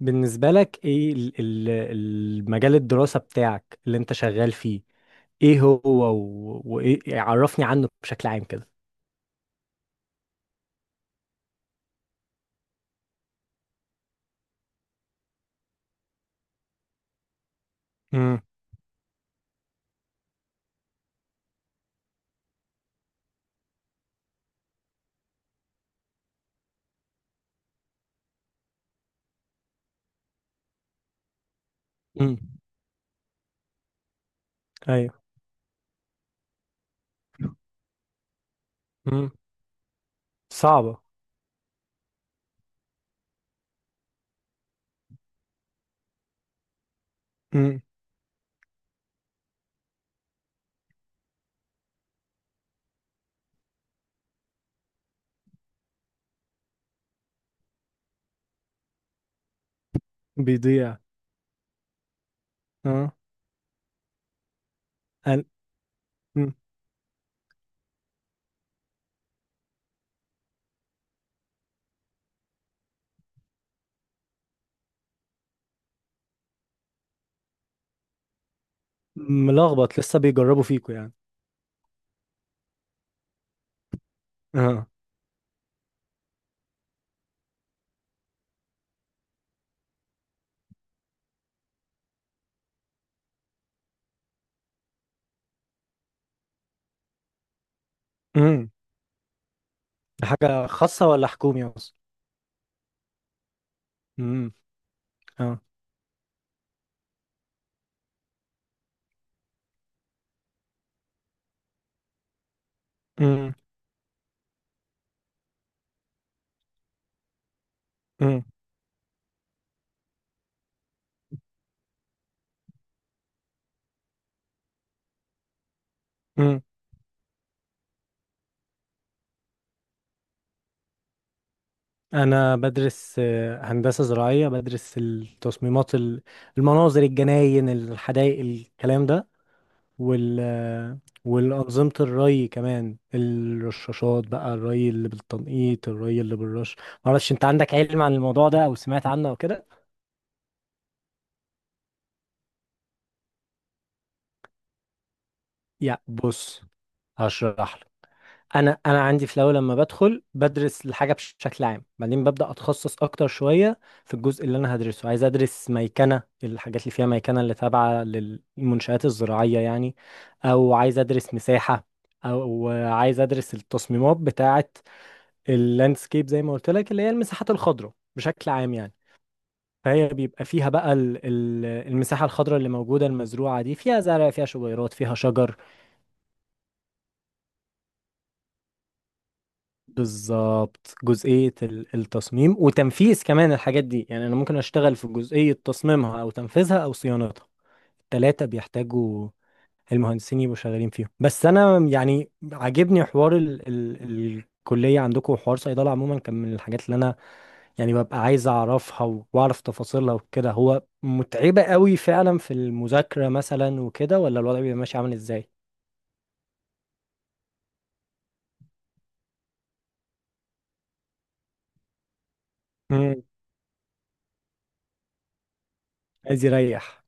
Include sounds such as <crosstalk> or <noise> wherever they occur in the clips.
بالنسبة لك ايه المجال الدراسة بتاعك اللي انت شغال فيه؟ ايه هو وايه يعني عرفني عنه بشكل عام كده. امم. امم. ايوه. امم. صعبة. امم. بيضيع. اه. أنا. امم. ملخبط، لسه بيجربوا فيكوا يعني. اه. امم. ده حاجة خاصة ولا حكومي اصلا؟ امم. اه. امم. امم. امم. انا بدرس هندسة زراعية، بدرس التصميمات المناظر الجناين، الحدائق، الكلام ده. وال والأنظمة الري كمان، الرشاشات بقى، الري اللي بالتنقيط، الري اللي بالرش. معرفش انت عندك علم عن الموضوع ده او سمعت عنه او كده؟ يا بص، هشرح لك. انا عندي في الاول لما بدخل بدرس الحاجه بشكل عام، بعدين ببدا اتخصص اكتر شويه في الجزء اللي انا هدرسه. عايز ادرس ميكنه، الحاجات اللي فيها ميكنه اللي تابعه للمنشآت الزراعيه يعني، او عايز ادرس مساحه، او عايز ادرس التصميمات بتاعه اللاندسكيب زي ما قلت لك، اللي هي المساحات الخضراء بشكل عام يعني. فهي بيبقى فيها بقى المساحة الخضراء اللي موجودة المزروعة، دي فيها زرع، فيها شجيرات، فيها شجر. بالظبط جزئية التصميم وتنفيذ كمان الحاجات دي يعني. أنا ممكن أشتغل في جزئية تصميمها أو تنفيذها أو صيانتها. التلاتة بيحتاجوا المهندسين يبقوا شغالين فيهم. بس أنا يعني عاجبني حوار ال ال الكلية عندكم، وحوار صيدلة عموما كان من الحاجات اللي أنا يعني ببقى عايز اعرفها واعرف تفاصيلها وكده. هو متعبة قوي فعلا في المذاكرة مثلا وكده، ولا الوضع بيبقى ماشي عامل ازاي؟ امم. عايز يريح.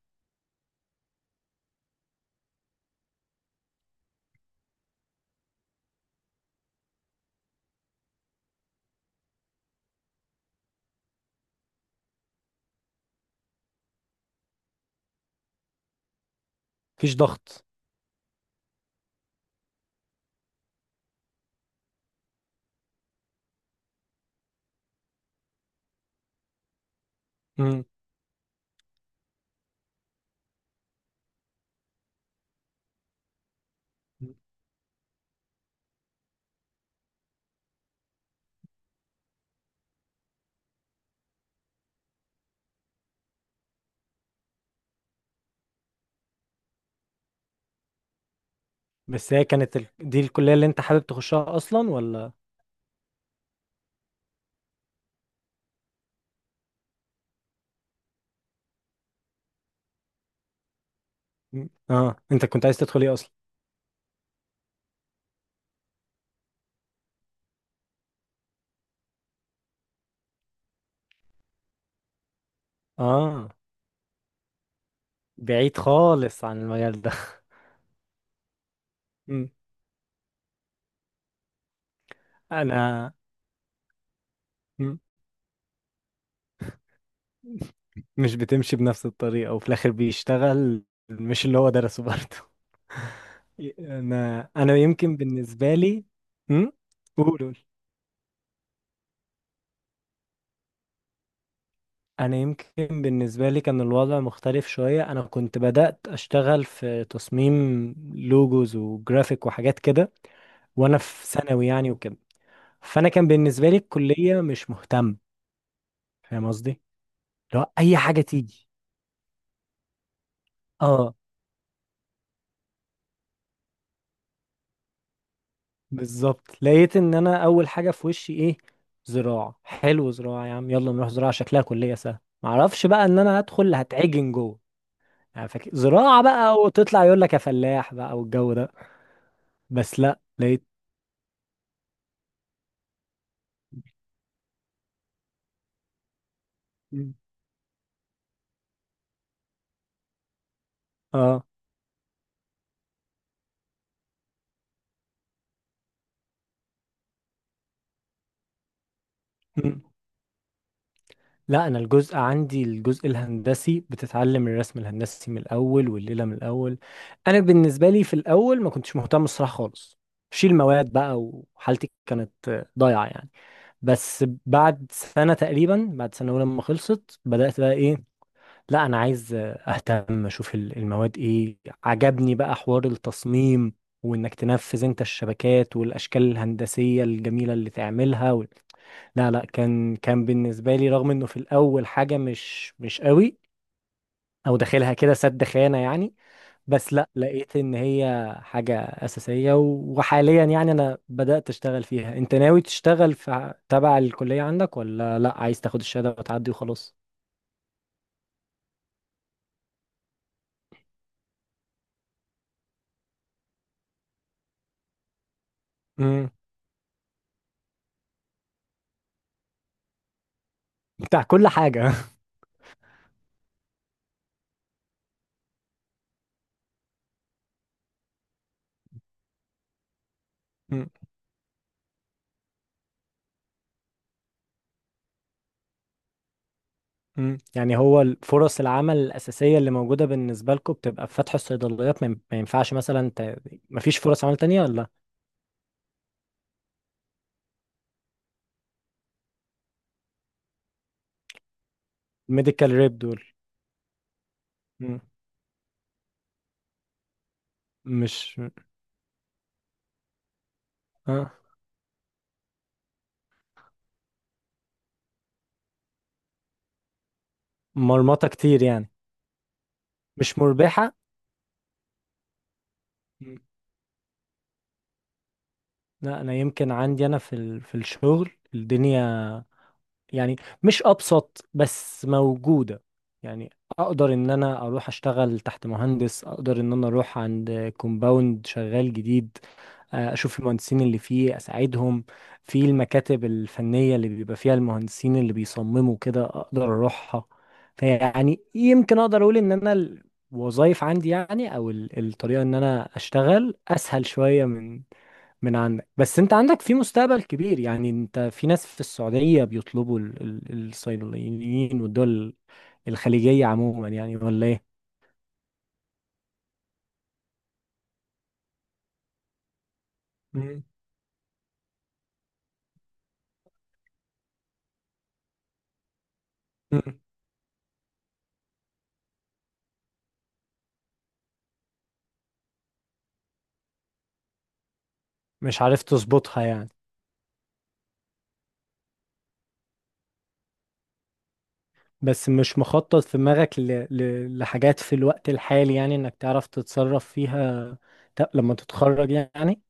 مفيش ضغط. امم. بس هي كانت دي الكلية اللي انت حابب تخشها اصلا، ولا؟ مم. اه، انت كنت عايز تدخل ايه اصلا؟ اه، بعيد خالص عن المجال ده. <laughs> امم. انا. مم. مش بتمشي بنفس الطريقة، وفي الاخر بيشتغل مش اللي هو درسه برضه. انا يمكن بالنسبه لي. امم. قول قول. انا يمكن بالنسبه لي كان الوضع مختلف شويه. انا كنت بدات اشتغل في تصميم لوجوز وجرافيك وحاجات كده، وانا في ثانوي يعني وكده. فانا كان بالنسبه لي الكليه مش مهتم، فاهم قصدي، لو اي حاجه تيجي. اه بالظبط، لقيت ان انا اول حاجه في وشي ايه، زراعه، حلو، زراعه يا عم، يلا نروح زراعه، شكلها كليه سهله. معرفش بقى ان انا هدخل هتعجن جوه يعني. فاكر زراعة بقى وتطلع يقول لك يا فلاح بقى والجو ده، بس لا لقيت. مم. اه. مم. لا، انا الجزء عندي الجزء الهندسي، بتتعلم الرسم الهندسي من الاول، والليلة من الاول. انا بالنسبة لي في الاول ما كنتش مهتم الصراحة خالص، شيل مواد بقى، وحالتي كانت ضايعة يعني. بس بعد سنة تقريبا، بعد سنة أولى لما خلصت، بدأت بقى إيه، لا انا عايز اهتم اشوف المواد ايه. عجبني بقى حوار التصميم، وانك تنفذ انت الشبكات والاشكال الهندسية الجميلة اللي تعملها، و... لا لا كان كان بالنسبة لي رغم انه في الاول حاجة مش قوي، او داخلها كده سد خانة يعني. بس لا لقيت ان هي حاجة اساسية وحاليا يعني انا بدأت اشتغل فيها. انت ناوي تشتغل في تبع الكلية عندك، ولا لا، عايز تاخد الشهادة وتعدي وخلاص؟ امم. بتاع كل حاجة. <laughs> مم. يعني هو فرص العمل الأساسية اللي موجودة بالنسبة لكم بتبقى في فتح الصيدليات؟ ما ينفعش مثلا ما فيش فرص عمل تانية ولا؟ الميديكال ريب دول. مم. مش. آه. مرمطة كتير يعني. مش مربحة. مم. لا أنا يمكن عندي أنا في في الشغل الدنيا يعني، مش أبسط بس موجودة يعني. أقدر إن أنا أروح أشتغل تحت مهندس، أقدر إن أنا أروح عند كومباوند شغال جديد، اشوف المهندسين اللي فيه اساعدهم، في المكاتب الفنية اللي بيبقى فيها المهندسين اللي بيصمموا كده اقدر اروحها. فيعني يمكن اقدر اقول ان انا الوظائف عندي يعني، او الطريقة ان انا اشتغل اسهل شوية من عندك. بس انت عندك في مستقبل كبير يعني، انت في ناس في السعودية بيطلبوا الصيدليين، والدول الخليجية عموما يعني، ولا ايه؟ مم. مم. مش عارف تظبطها يعني. بس مش مخطط في دماغك لحاجات في الوقت الحالي يعني، انك تعرف تتصرف فيها لما تتخرج يعني؟